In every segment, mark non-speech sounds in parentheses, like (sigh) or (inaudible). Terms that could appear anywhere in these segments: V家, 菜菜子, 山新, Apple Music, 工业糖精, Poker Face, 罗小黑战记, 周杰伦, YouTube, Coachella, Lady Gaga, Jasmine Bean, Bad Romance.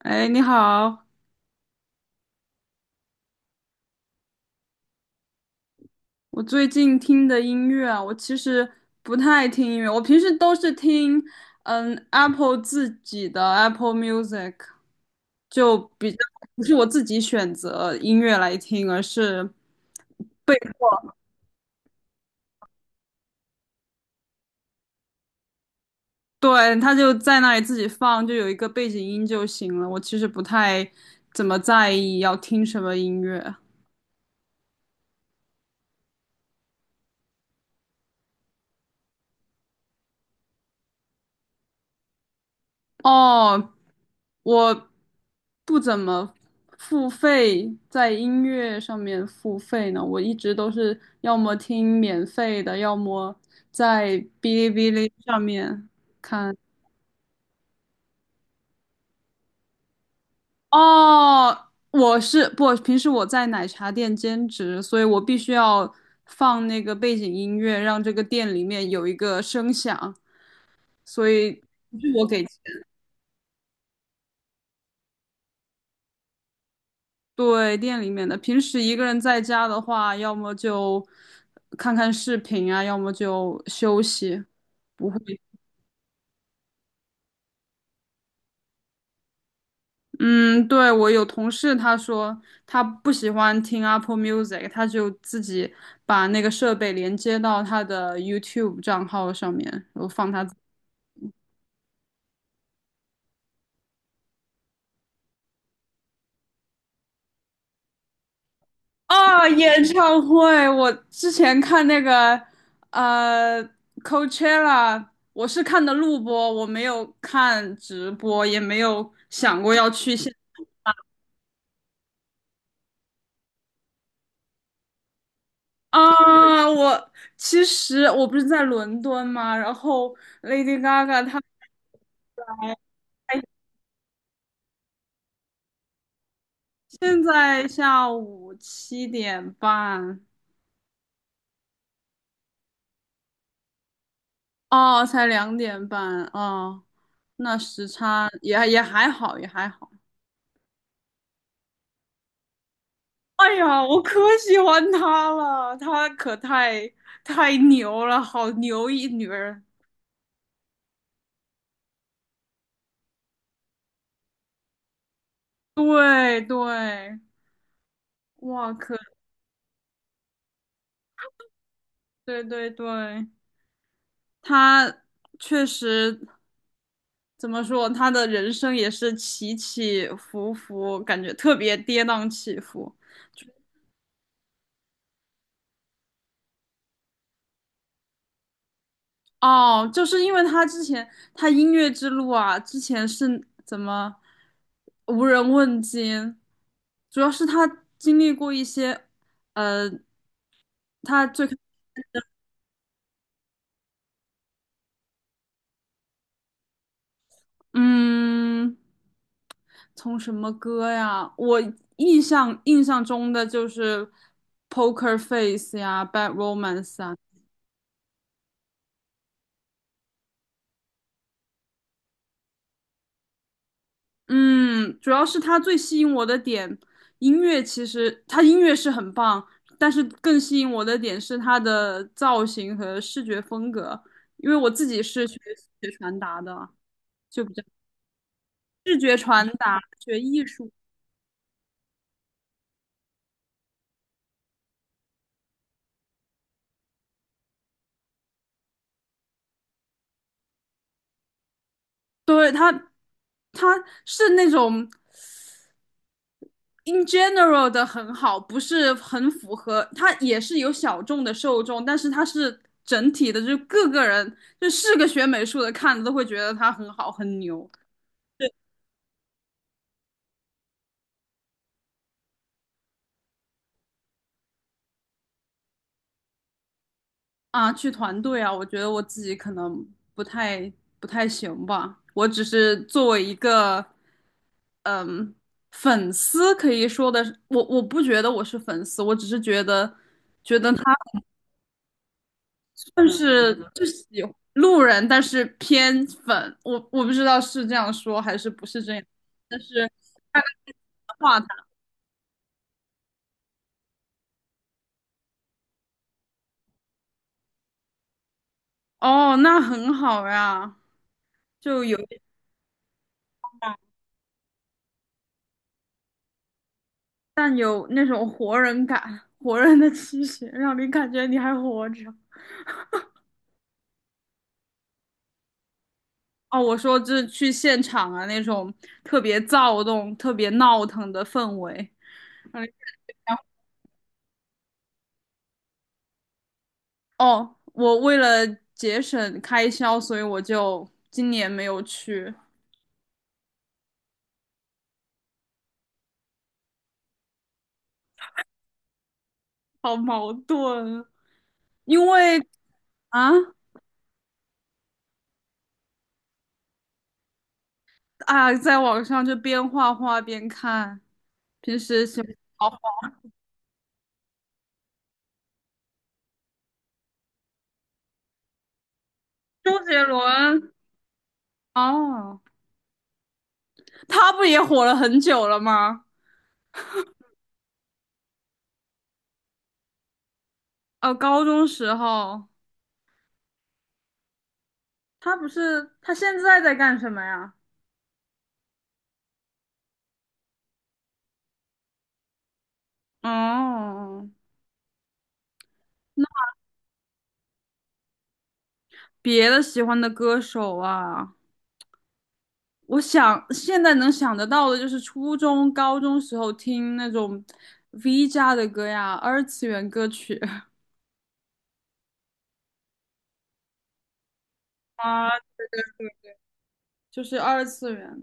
哎，你好！我最近听的音乐啊，我其实不太听音乐，我平时都是听Apple 自己的 Apple Music，就比较不是我自己选择音乐来听，而是背，对，它就在那里自己放，就有一个背景音就行了。我其实不太怎么在意要听什么音乐。哦，我不怎么付费，在音乐上面付费呢，我一直都是要么听免费的，要么在哔哩哔哩上面看。哦，我是不，平时我在奶茶店兼职，所以我必须要放那个背景音乐，让这个店里面有一个声响，所以不是我给。对，店里面的，平时一个人在家的话，要么就看看视频啊，要么就休息，不会。嗯，对，我有同事，他说他不喜欢听 Apple Music，他就自己把那个设备连接到他的 YouTube 账号上面，然后放他。啊，演唱会，我之前看那个呃 Coachella，我是看的录播，我没有看直播，也没有想过要去现。啊。我其实不是在伦敦嘛，然后 Lady Gaga 她。现在下午7点半。哦，才2点半。哦，那时差也还好，也还好。哎呀，我可喜欢她了，她可太牛了，好牛一女人。对对，哇，对对对，她确实怎么说，她的人生也是起起伏伏，感觉特别跌宕起伏。哦，就是因为她之前她音乐之路啊，之前是怎么无人问津，主要是她经历过一些。呃他最开。嗯，从什么歌呀？我印象中的就是《Poker Face》呀，《Bad Romance》啊。嗯，主要是他最吸引我的点，音乐其实他音乐是很棒，但是更吸引我的点是他的造型和视觉风格，因为我自己是学视觉传达的，就比较视觉传达，学艺术。对，他是那种。in general 的很好，不是很符合，它也是有小众的受众，但是它是整体的，就是各个人，就是个学美术的看着都会觉得它很好很牛啊。去团队啊，我觉得我自己可能不太不太行吧，我只是作为一个嗯粉丝可以说的，我不觉得我是粉丝，我只是觉得他但是就喜路人，但是偏粉，我不知道是这样说还是不是这样，但是大概的话谈。哦，那很好呀，就有但有那种活人感，活人的气息，让你感觉你还活着。哦，我说就是去现场啊，那种特别躁动、特别闹腾的氛围。让你。哦，我为了节省开销，所以我就今年没有去，好矛盾啊。因为啊在网上就边画画边看，平时喜欢。哦，周杰伦。哦，他不也火了很久了吗？哦，高中时候，他不是，他现在在干什么呀？哦，别的喜欢的歌手啊，我想现在能想得到的就是初中、高中时候听那种 V 家的歌呀，二次元歌曲 (laughs) 啊，就是二次元。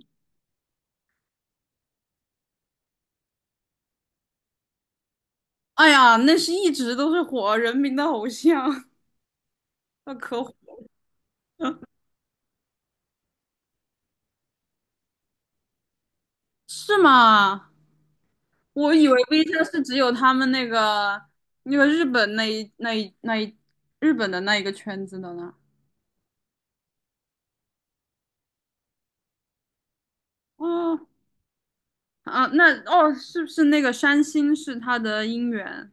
哎呀，那是一直都是火人民的偶像，那可火。是吗？我以为 V 社是只有他们那个日本那一日本的那一个圈子的呢。哦啊，那哦，是不是那个山新是他的音源？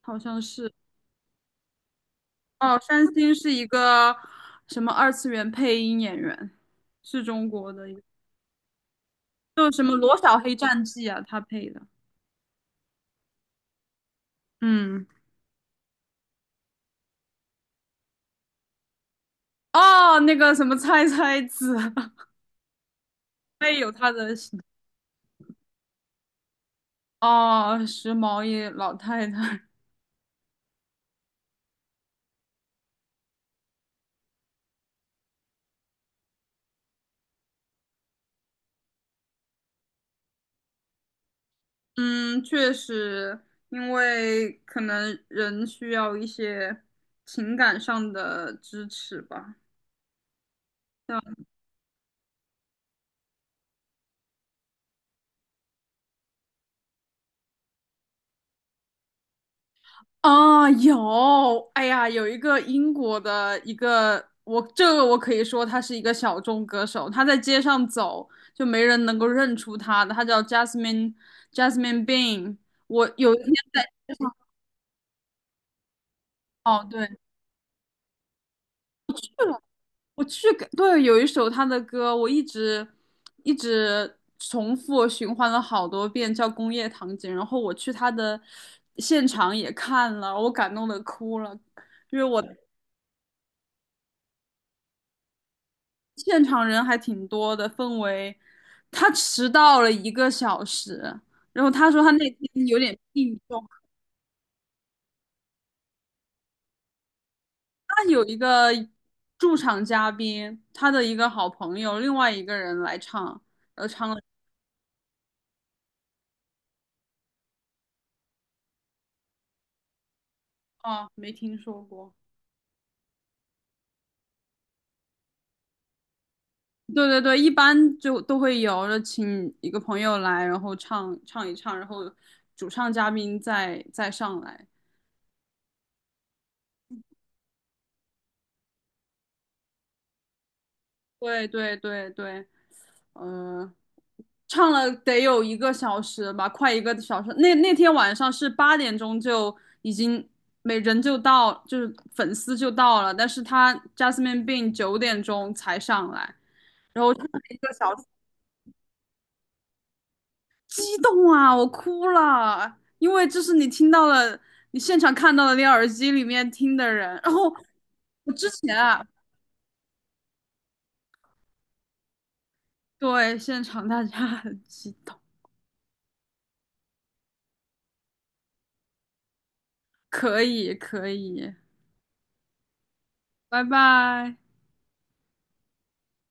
好像是。哦，山新是一个什么二次元配音演员，是中国的一个，就什么《罗小黑战记》啊，他配的。嗯，哦，那个什么菜菜子。(laughs) 也有他的。哦，时髦一老太太。(laughs) 嗯，确实，因为可能人需要一些情感上的支持吧。啊，有，哎呀，有一个英国的一个，我这个我可以说他是一个小众歌手，他在街上走就没人能够认出他的，他叫 Jasmine Bean。我有一天在街上，哦，对，我去感，对，有一首他的歌，我一直一直重复循环了好多遍，叫《工业糖精》。然后我去他的现场也看了，我感动的哭了，因为我现场人还挺多的，氛围。他迟到了一个小时，然后他说他那天有点病重，他有一个驻场嘉宾，他的一个好朋友，另外一个人来唱，然后唱了，哦，没听说过。对对对，一般就都会有，就请一个朋友来，然后唱唱一唱，然后主唱嘉宾再上来。对对对对，嗯，唱了得有一个小时吧，快一个小时。那那天晚上是8点钟就已经每人就到，就是粉丝就到了，但是他 Jasmine Bean 9点钟才上来，然后唱了一个小时。激动啊，我哭了，因为这是你听到了，你现场看到了，你耳机里面听的人。(laughs) 然后我之前啊，对，现场大家很激动，可以，可以，拜拜。